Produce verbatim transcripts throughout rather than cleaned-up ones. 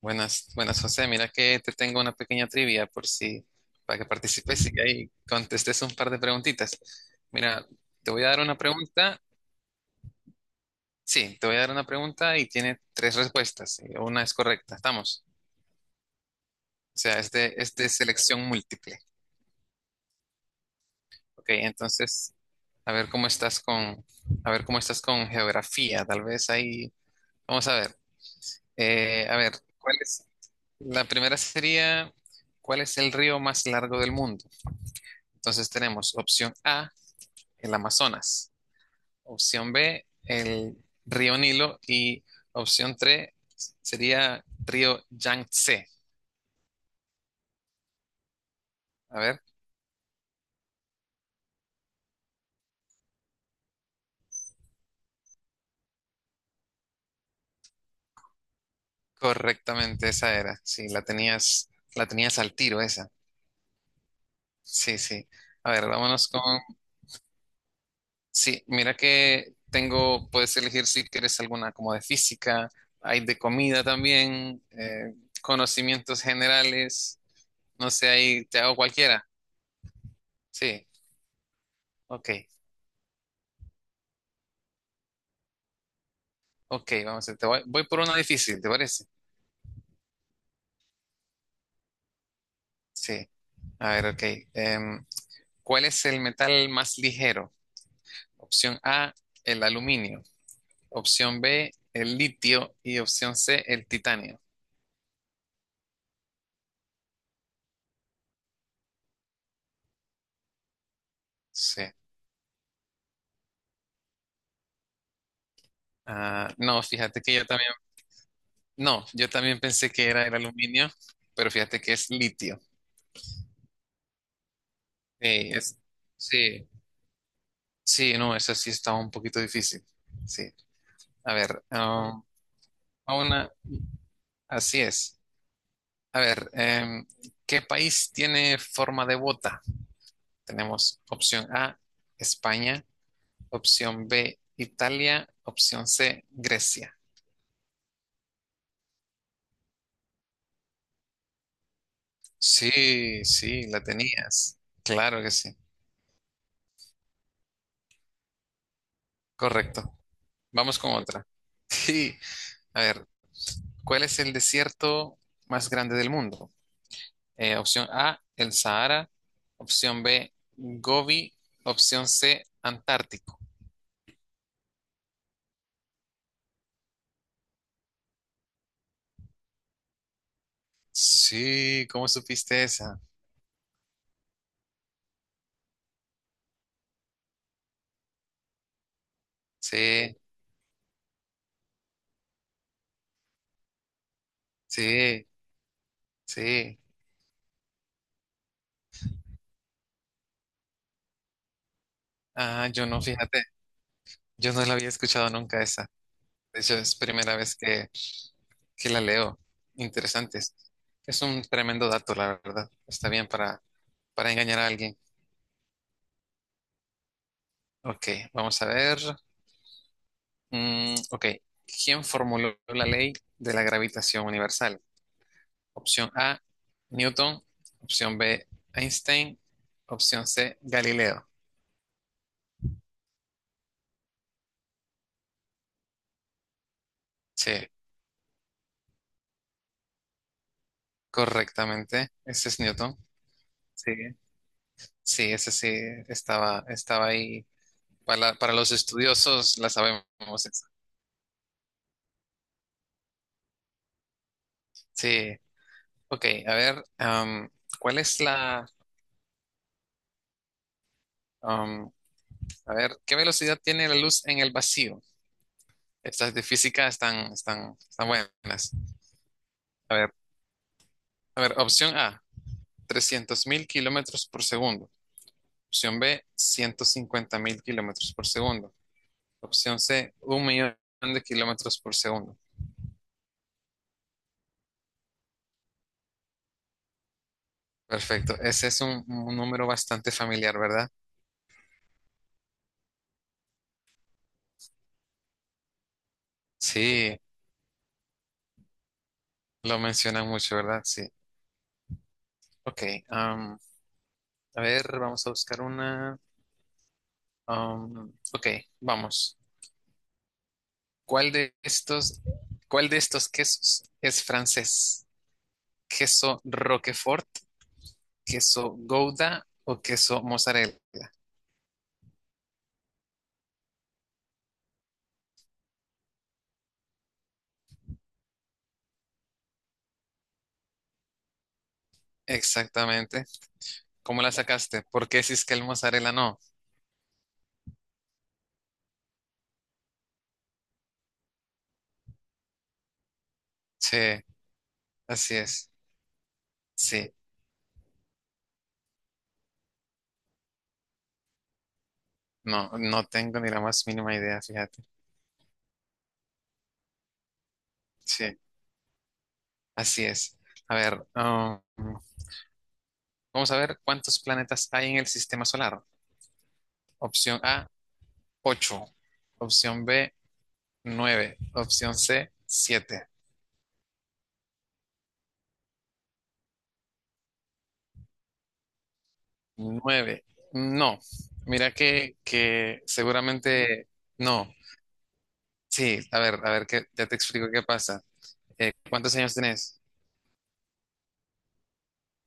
Buenas, buenas, José. Mira que te tengo una pequeña trivia por si, para que participes y ahí contestes un par de preguntitas. Mira, te voy a dar una pregunta. Sí, te voy a dar una pregunta y tiene tres respuestas. y Una es correcta, estamos. O sea, es de, es de selección múltiple. Ok, entonces, a ver cómo estás con, a ver cómo estás con geografía. Tal vez ahí, vamos a ver. Eh, a ver, ¿cuál es? La primera sería, ¿cuál es el río más largo del mundo? Entonces tenemos opción A, el Amazonas, opción B, el río Nilo y opción tres sería río Yangtze. A ver, correctamente esa era. Sí, la tenías, la tenías al tiro esa. Sí, sí. A ver, vámonos con... Sí, mira que tengo, puedes elegir si quieres alguna como de física, hay de comida también, eh, conocimientos generales, no sé, ahí te hago cualquiera. Sí, ok. Ok, vamos a ver, te voy, voy por una difícil, ¿te parece? Sí, a ver, ok. Em, ¿Cuál es el metal más ligero? Opción A, el aluminio. Opción B, el litio. Y opción C, el titanio. Sí. Ah, no, fíjate que yo también, no, yo también pensé que era el aluminio, pero fíjate que es litio. Sí, es, sí, sí, no, esa sí estaba un poquito difícil. Sí. A ver, ah, a una, así es. A ver, em, ¿qué país tiene forma de bota? Tenemos opción A, España, opción B, Italia, opción C, Grecia. Sí, sí, la tenías. Claro que sí. Correcto. Vamos con otra. Sí. A ver, ¿cuál es el desierto más grande del mundo? Eh, opción A, el Sahara. Opción B, Gobi. Opción C, Antártico. Sí, ¿cómo supiste esa? Sí. Sí, sí. Ah, yo no, fíjate, yo no la había escuchado nunca esa. De hecho, es primera vez que, que la leo. Interesante. Es es un tremendo dato, la verdad. Está bien para, para engañar a alguien. Ok, vamos a ver. Mm, ok, ¿quién formuló la ley de la gravitación universal? Opción A, Newton. Opción B, Einstein. Opción C, Galileo. Sí, correctamente. Ese es Newton. Sí. Sí, ese sí estaba, estaba ahí. Para, la- para los estudiosos la sabemos. Esa. Sí, ok, a ver, am, ¿cuál es la... am, a ver, ¿qué velocidad tiene la luz en el vacío? Estas de física están, están, están buenas. A ver, a ver, opción A, trescientos mil kilómetros por segundo. Opción B, ciento cincuenta mil kilómetros por segundo. Opción C, un millón de kilómetros por segundo. Perfecto, ese es un un número bastante familiar, ¿verdad? Sí, Lo mencionan mucho, ¿verdad? Sí. Ok. am, a ver, vamos a buscar una. Am, ok, vamos. ¿Cuál de estos, cuál de estos quesos es francés? ¿Queso Roquefort, queso Gouda o queso mozzarella? Exactamente. ¿Cómo la sacaste? ¿Por qué si es que el mozzarella no? Sí, así es. Sí. No, no tengo ni la más mínima idea, fíjate. Sí, así es. A ver, am, Vamos a ver cuántos planetas hay en el sistema solar. Opción A, ocho. Opción B, nueve. Opción C, siete. Nueve, No. Mira que, que seguramente no. Sí, a ver, a ver, que ya te explico qué pasa. Eh, ¿cuántos años tenés?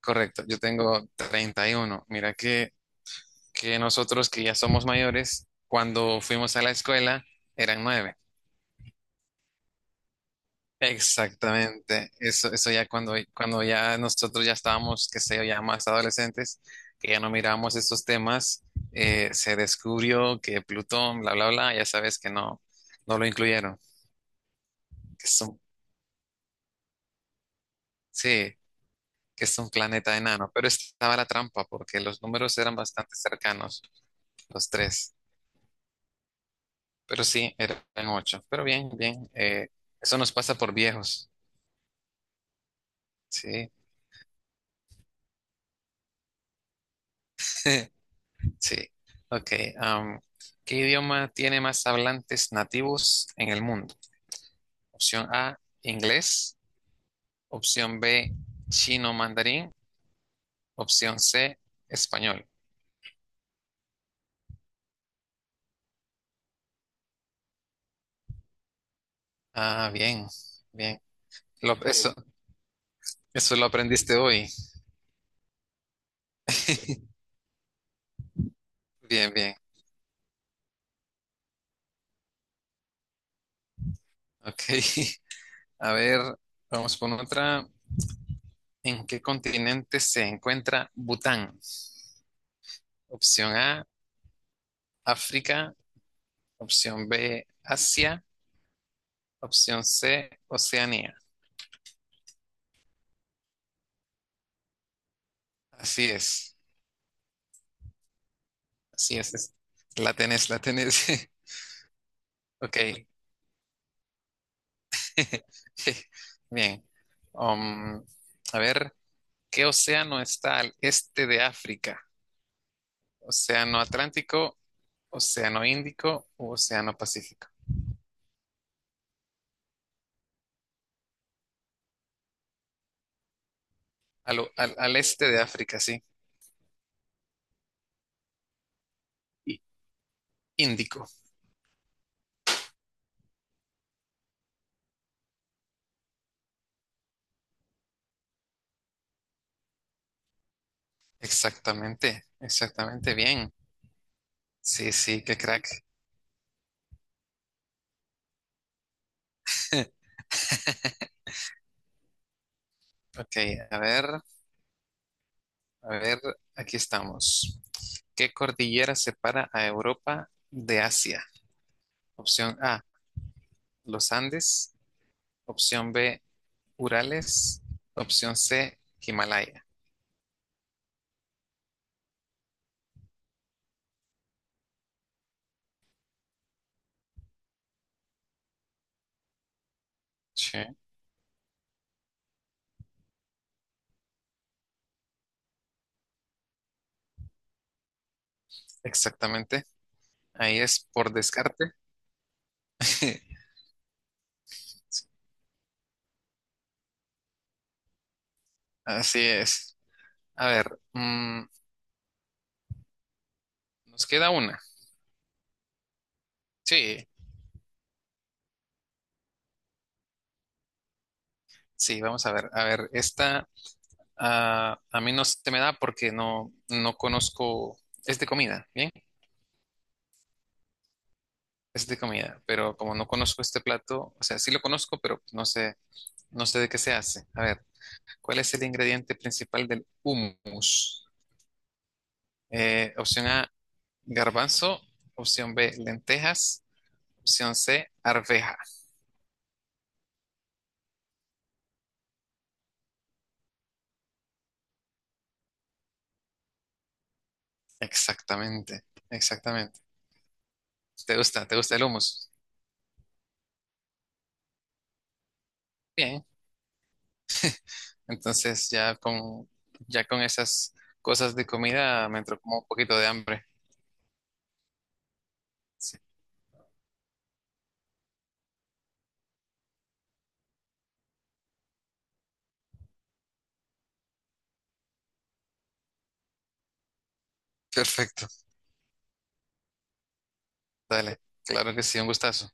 Correcto, yo tengo treinta y uno. Mira que, que nosotros que ya somos mayores, cuando fuimos a la escuela eran nueve. Exactamente, eso, eso ya cuando, cuando ya nosotros ya estábamos, qué sé yo, ya más adolescentes, que ya no miramos estos temas, eh, se descubrió que Plutón, bla, bla, bla, ya sabes que no, no lo incluyeron, que es un, sí, que es un planeta enano, pero estaba la trampa porque los números eran bastante cercanos, los tres, pero sí, eran ocho, pero bien, bien, eh, eso nos pasa por viejos, sí. Sí. Ok. am, ¿Qué idioma tiene más hablantes nativos en el mundo? Opción A, inglés. Opción B, chino mandarín. Opción C, español. Ah, bien, bien. Lo- eso, eso lo aprendiste hoy. Bien, bien. Ok. A ver, vamos con otra. ¿En qué continente se encuentra Bután? Opción A, África. Opción B, Asia. Opción C, Oceanía. Así es, así es. es- La tenés, la tenés. Ok. Bien. Um, a ver, ¿qué océano está al este de África? ¿Océano Atlántico, Océano Índico o Océano Pacífico? Al, al- al este de África, sí. Y- Índico. Exactamente, exactamente bien. Sí, sí, qué crack. Ok, a ver, a ver, aquí estamos. ¿Qué cordillera separa a Europa de Asia? Opción A, los Andes. Opción B, Urales. Opción C, Himalaya. Sí, exactamente. Ahí es por descarte. Así es. A ver, mm, nos queda una. Sí, sí, vamos a ver. A ver, esta ah, a mí no se me da porque no, no conozco. Es de comida, ¿bien? Es de comida, pero como no conozco este plato, o sea, sí lo conozco, pero no sé, no sé de qué se hace. A ver, ¿cuál es el ingrediente principal del hummus? Eh, opción A, garbanzo. Opción B, lentejas. Opción C, arveja. Exactamente, exactamente. ¿Te gusta? ¿Te gusta el hummus? Bien. Entonces ya con, ya con esas cosas de comida me entró como un poquito de hambre. Sí, perfecto. Dale. Claro que sí, un gustazo.